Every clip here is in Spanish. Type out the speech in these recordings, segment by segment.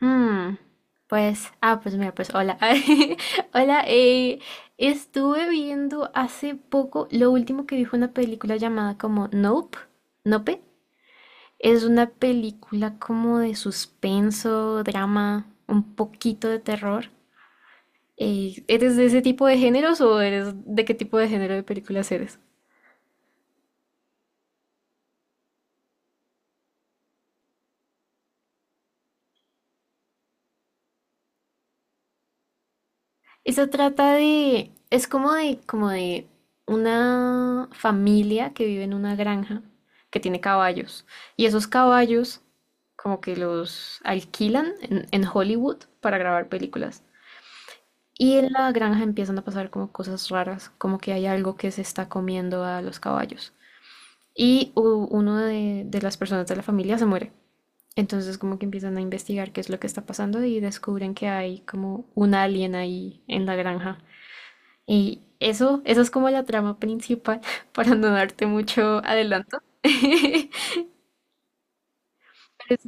Mm, pues mira, pues hola. Hola, estuve viendo hace poco, lo último que vi fue una película llamada como Nope, Nope. Es una película como de suspenso, drama, un poquito de terror. ¿Eres de ese tipo de géneros o eres de qué tipo de género de películas eres? Eso trata de, es como de una familia que vive en una granja que tiene caballos. Y esos caballos como que los alquilan en Hollywood para grabar películas. Y en la granja empiezan a pasar como cosas raras, como que hay algo que se está comiendo a los caballos. Y uno de las personas de la familia se muere. Entonces como que empiezan a investigar qué es lo que está pasando y descubren que hay como un alien ahí en la granja. Y eso es como la trama principal, para no darte mucho adelanto. Pero es-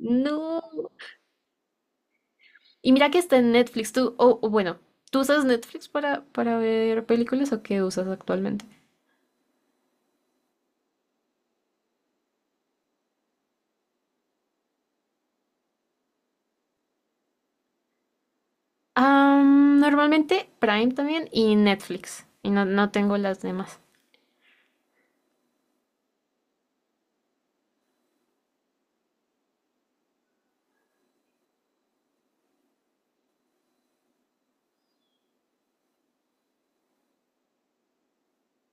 no. Y mira que está en Netflix, tú, o bueno, ¿tú usas Netflix para ver películas o qué usas actualmente? Normalmente Prime también y Netflix. Y no, no tengo las demás.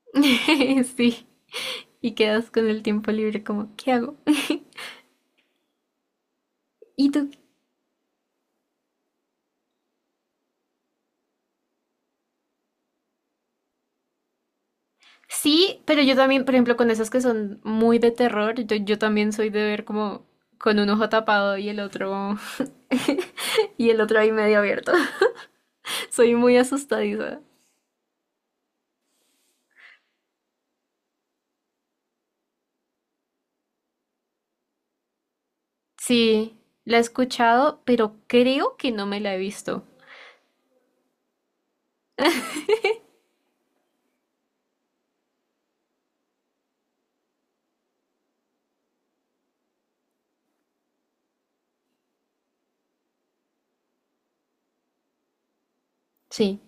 Sí. Y quedas con el tiempo libre como, ¿qué hago? ¿Y tú? Sí, pero yo también, por ejemplo, con esas que son muy de terror, yo también soy de ver como con un ojo tapado y el otro y el otro ahí medio abierto. Soy muy asustadiza. Sí, la he escuchado, pero creo que no me la he visto. Sí.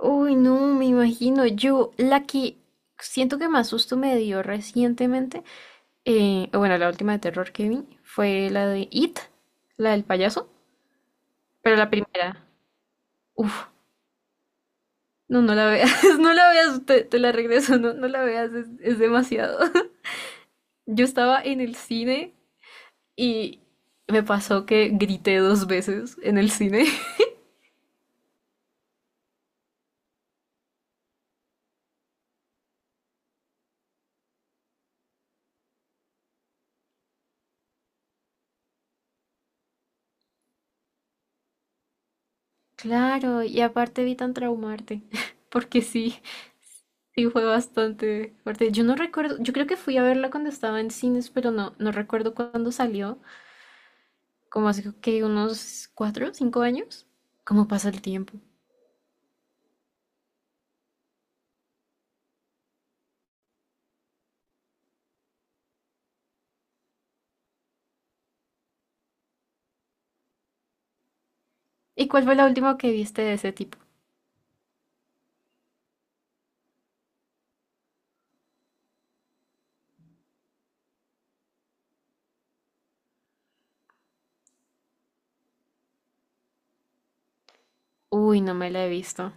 Uy, no, me imagino. Yo, la que siento que más susto me dio recientemente, bueno, la última de terror que vi fue la de It, la del payaso, pero la primera. Uf. No, no la veas, no la veas, te la regreso, no, no la veas, es demasiado. Yo estaba en el cine y me pasó que grité 2 veces en el cine. Claro, y aparte evitan traumarte, porque sí, sí fue bastante fuerte. Yo no recuerdo, yo creo que fui a verla cuando estaba en cines, pero no, no recuerdo cuándo salió, como hace que unos 4, 5 años. ¿Cómo pasa el tiempo? ¿Y cuál fue la última que viste de ese tipo? Uy, no me la he visto.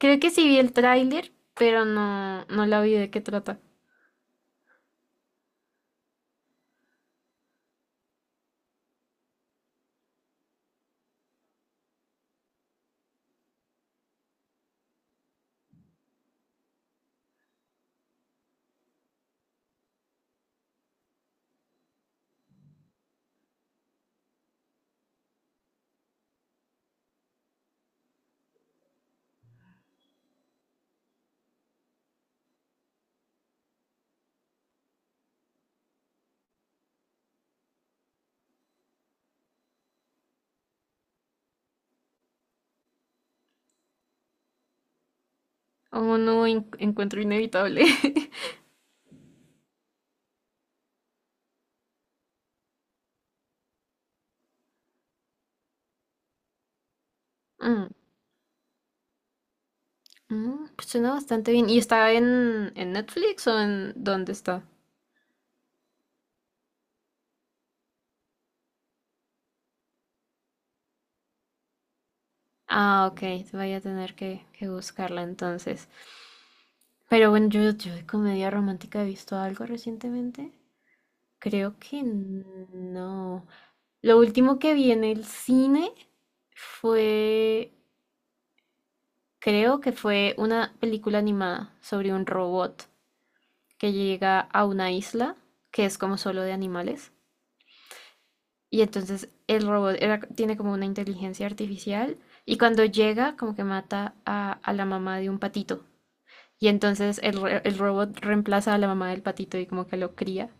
Creo que sí vi el tráiler, pero no, no la vi de qué trata. Oh, no, encuentro inevitable. Mm, pues suena bastante bien. ¿Y está en Netflix o en dónde está? Ah, ok, voy a tener que buscarla entonces. Pero bueno, yo de comedia romántica he visto algo recientemente. Creo que no. Lo último que vi en el cine fue, creo que fue una película animada sobre un robot que llega a una isla que es como solo de animales. Y entonces tiene como una inteligencia artificial y cuando llega como que mata a la mamá de un patito. Y entonces el robot reemplaza a la mamá del patito y como que lo cría.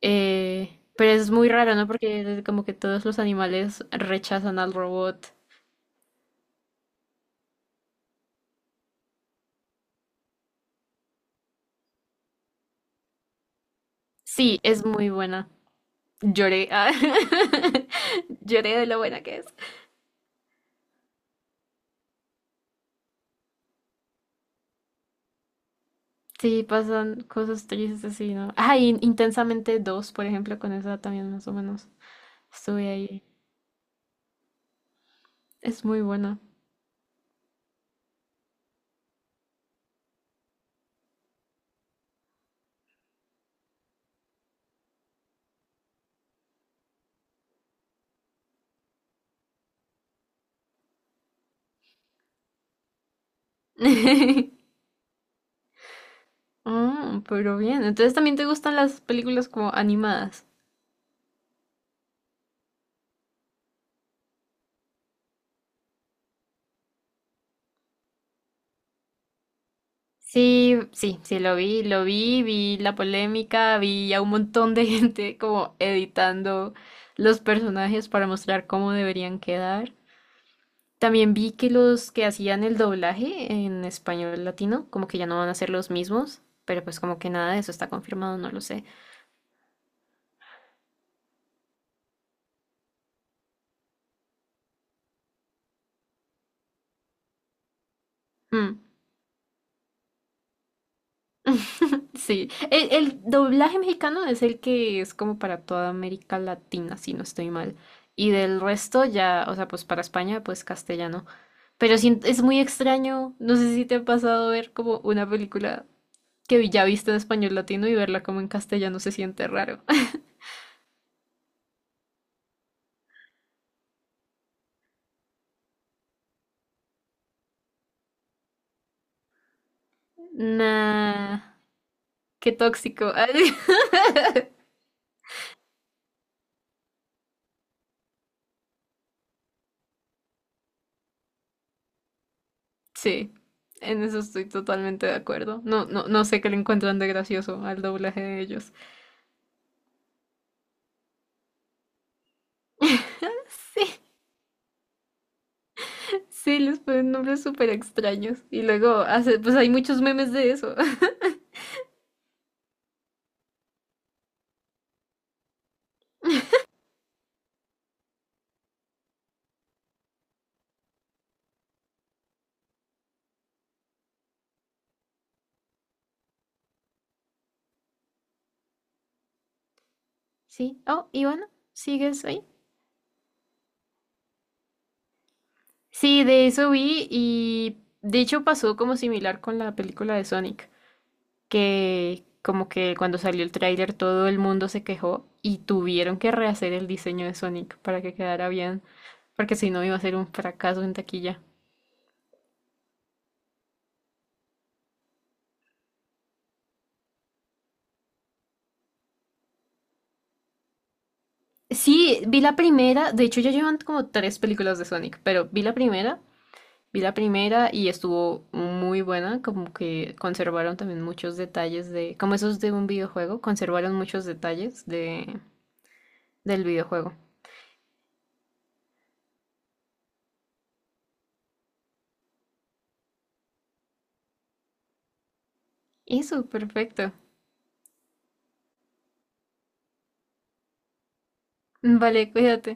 Pero es muy raro, ¿no? Porque como que todos los animales rechazan al robot. Sí, es muy buena. Lloré. Ah. Lloré de lo buena que es. Sí, pasan cosas tristes así, ¿no? Ah, y Intensamente 2, por ejemplo, con esa también más o menos estuve ahí. Es muy buena. Ah, pero bien. Entonces también te gustan las películas como animadas. Sí, vi la polémica, vi a un montón de gente como editando los personajes para mostrar cómo deberían quedar. También vi que los que hacían el doblaje en español latino, como que ya no van a ser los mismos, pero pues como que nada de eso está confirmado, no lo sé. Mm. Sí, el doblaje mexicano es el que es como para toda América Latina, si no estoy mal. Y del resto ya, o sea, pues para España, pues castellano. Pero sí, es muy extraño, no sé si te ha pasado ver como una película que ya viste en español latino y verla como en castellano se siente raro. Nah. Qué tóxico. Ay, sí, en eso estoy totalmente de acuerdo. No, no, no sé qué le encuentran de gracioso al doblaje de ellos. Sí, sí, les ponen nombres súper extraños. Y luego hace, pues hay muchos memes de eso. Sí. Oh, y bueno, ¿sigues ahí? Sí, de eso vi y de hecho pasó como similar con la película de Sonic, que como que cuando salió el tráiler todo el mundo se quejó y tuvieron que rehacer el diseño de Sonic para que quedara bien, porque si no iba a ser un fracaso en taquilla. Sí, vi la primera, de hecho ya llevan como 3 películas de Sonic, pero vi la primera y estuvo muy buena, como que conservaron también muchos detalles de, como esos de un videojuego, conservaron muchos detalles de, del videojuego. Eso, perfecto. Vale, cuídate.